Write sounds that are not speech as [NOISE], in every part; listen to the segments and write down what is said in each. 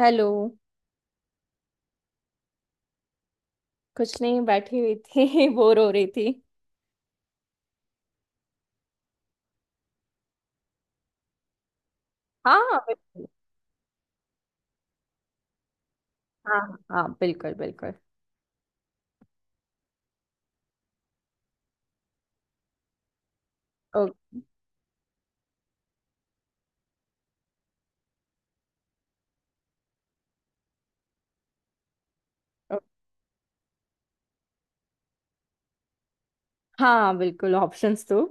Hello. कुछ नहीं बैठी हुई थी [LAUGHS] बोर हो रही थी। हाँ बिल्कुल। हाँ हाँ बिल्कुल बिल्कुल। ओ, ओ, हाँ बिल्कुल ऑप्शंस तो।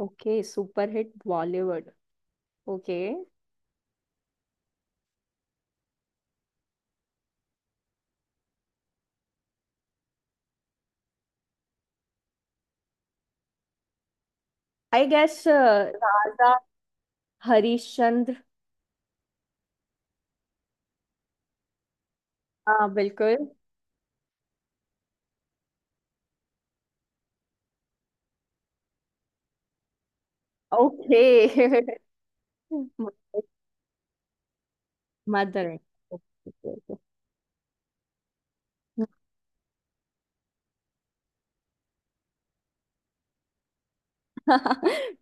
Okay super hit Bollywood. Okay I guess Raja Harishchandra. हाँ बिल्कुल। ओके [LAUGHS] मदर [LAUGHS]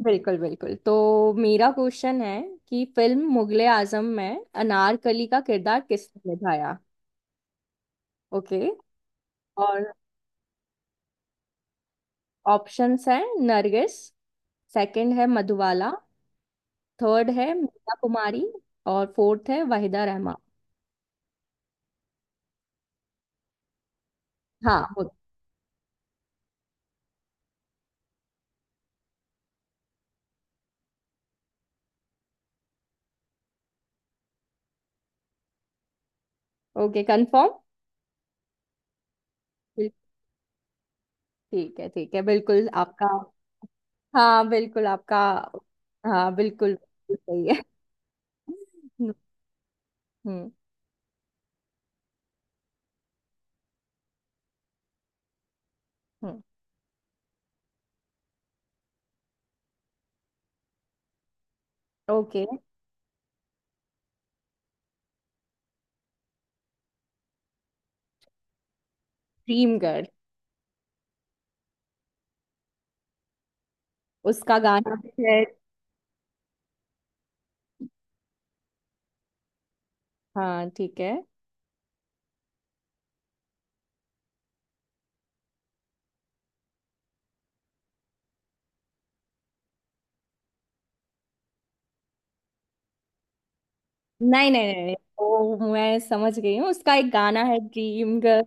बिल्कुल बिल्कुल तो मेरा क्वेश्चन है कि फिल्म मुगले आजम में अनारकली का किरदार किसने निभाया। ओके और ऑप्शंस हैं नरगिस। सेकंड है मधुबाला। थर्ड है मीना कुमारी। और फोर्थ है वाहिदा रहमान। हाँ ओके कंफर्म। ठीक है बिल्कुल आपका। हाँ बिल्कुल आपका। हाँ बिल्कुल बिल्कुल सही है। [LAUGHS] हम्म हम्म। ओके ड्रीम गर्ल उसका गाना भी है। हाँ ठीक है। नहीं नहीं नहीं नहीं, ओ मैं समझ गई हूँ उसका एक गाना है ड्रीम गर्ल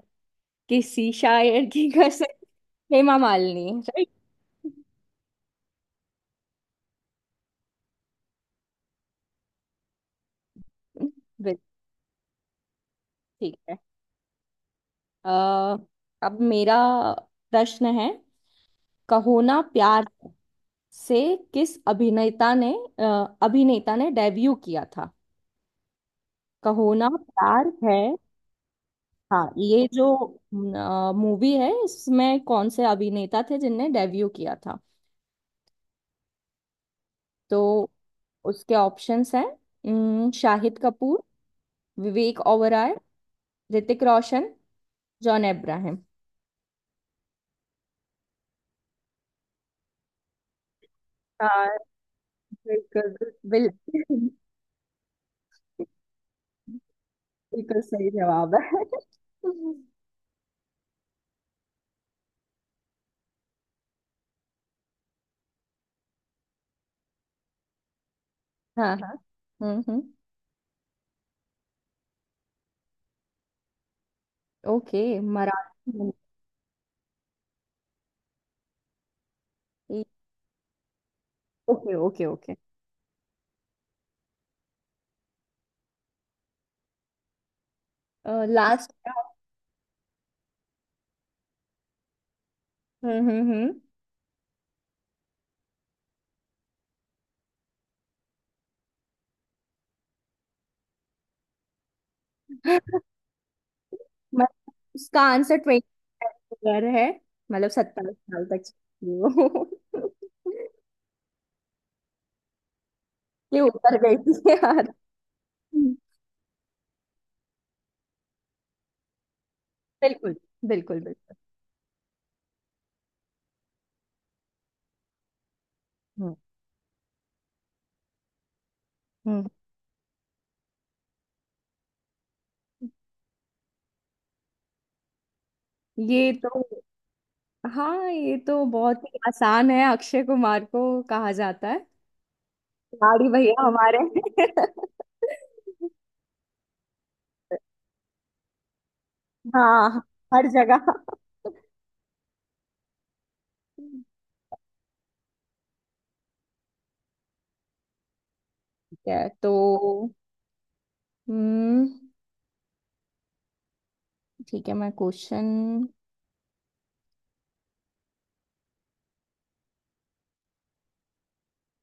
किसी शायर की कसम। हेमा मालिनी राइट। बिल्कुल। ठीक है। अ, अब मेरा प्रश्न है कहो ना प्यार से किस अभिनेता ने अ, अभिनेता ने डेब्यू किया था कहो ना प्यार है। हाँ ये जो मूवी है इसमें कौन से अभिनेता थे जिनने डेब्यू किया था। तो उसके ऑप्शंस हैं शाहिद कपूर। विवेक ओबराय। ऋतिक रोशन। जॉन अब्राहम। हाँ बिल्कुल। बिल्कुल बिल्कुल सही जवाब है। [LAUGHS] हाँ हाँ। हम्म। Okay Marathi. Okay okay okay. Last. हम्म। मतलब उसका आंसर ट्वेंटी ईयर है। मतलब सत्ताईस साल तक चलती है वो [LAUGHS] ये ऊपर गई थी यार। हम्म, बिल्कुल बिल्कुल बिल्कुल। हम्म हम्म। ये तो। हाँ ये तो बहुत ही आसान है अक्षय कुमार को कहा जाता है लाड़ी भैया हमारे। [LAUGHS] हाँ हर जगह। ठीक है तो हम्म। ठीक है मैं क्वेश्चन।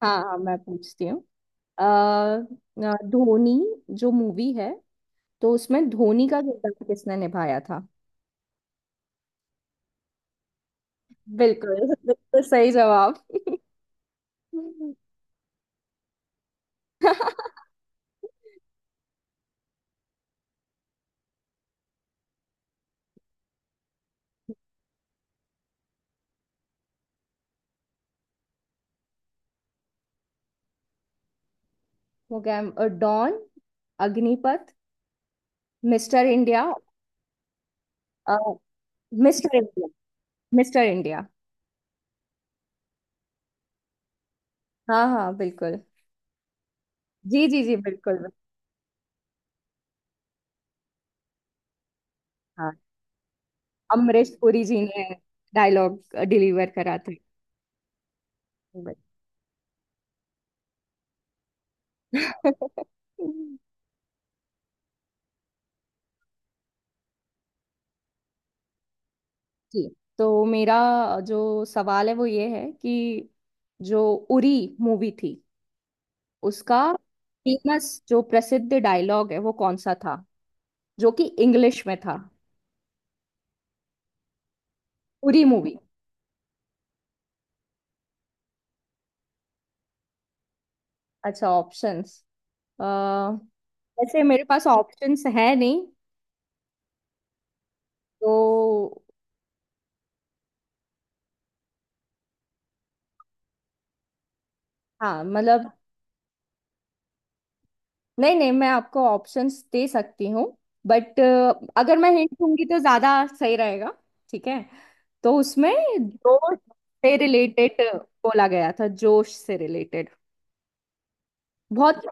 हाँ हाँ मैं पूछती हूँ। धोनी जो मूवी है तो उसमें धोनी का किरदार किसने निभाया था। बिल्कुल। बिल्कुल सही जवाब। हो गया डॉन अग्निपथ मिस्टर इंडिया। अ, मिस्टर इंडिया। Mister India. हाँ हाँ बिल्कुल। जी जी जी बिल्कुल। हाँ अमरीश पुरी जी ने डायलॉग डिलीवर करा था बट- [LAUGHS] जी तो मेरा जो सवाल है वो ये है कि जो उरी मूवी थी उसका फेमस जो प्रसिद्ध डायलॉग है वो कौन सा था जो कि इंग्लिश में था। उरी मूवी। अच्छा ऑप्शंस वैसे मेरे पास ऑप्शंस है नहीं। तो हाँ मतलब नहीं नहीं मैं आपको ऑप्शंस दे सकती हूँ बट अगर मैं हिंट दूंगी तो ज्यादा सही रहेगा। ठीक है तो उसमें जोश से रिलेटेड बोला गया था जोश से रिलेटेड बहुत।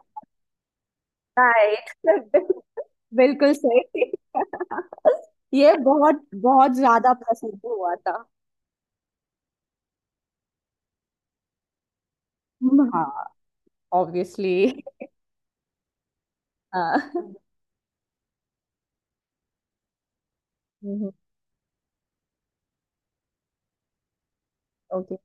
राइट [LAUGHS] बिल्कुल सही। ये बहुत बहुत ज्यादा प्रसिद्ध हुआ था। हाँ ऑब्वियसली। ओके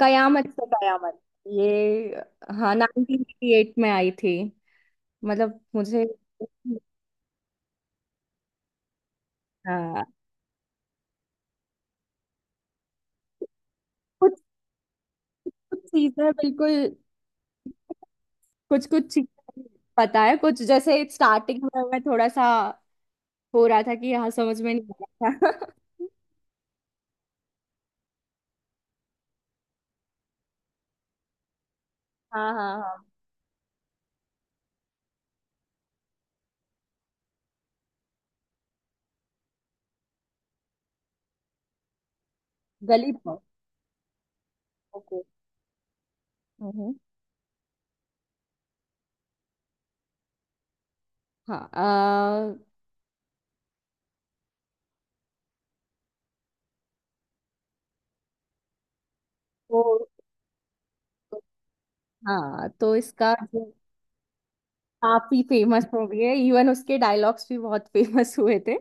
कयामत से कयामत ये। हाँ 1988 में आई थी। मतलब मुझे। हाँ कुछ कुछ चीजें बिल्कुल। कुछ कुछ चीजें पता है कुछ जैसे स्टार्टिंग में मैं थोड़ा सा हो रहा था कि हाँ समझ में नहीं आ रहा था [LAUGHS] हाँ हाँ हाँ। गली पाव। ओके। हम्म। हाँ। तो हाँ तो इसका जो काफी फेमस मूवी है इवन उसके डायलॉग्स भी बहुत फेमस हुए थे।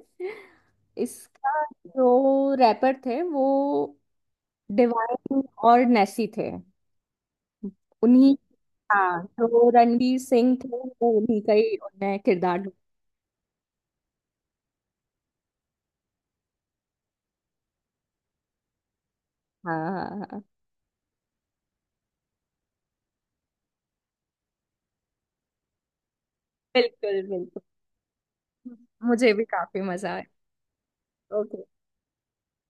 इसका जो रैपर थे वो डिवाइन और नेसी थे। उन्हीं। हाँ तो रणवीर सिंह थे वो उन्हीं का ही उनने किरदार ढूंढा। हाँ हाँ हाँ बिल्कुल बिल्कुल। मुझे भी काफी मजा आया। ओके।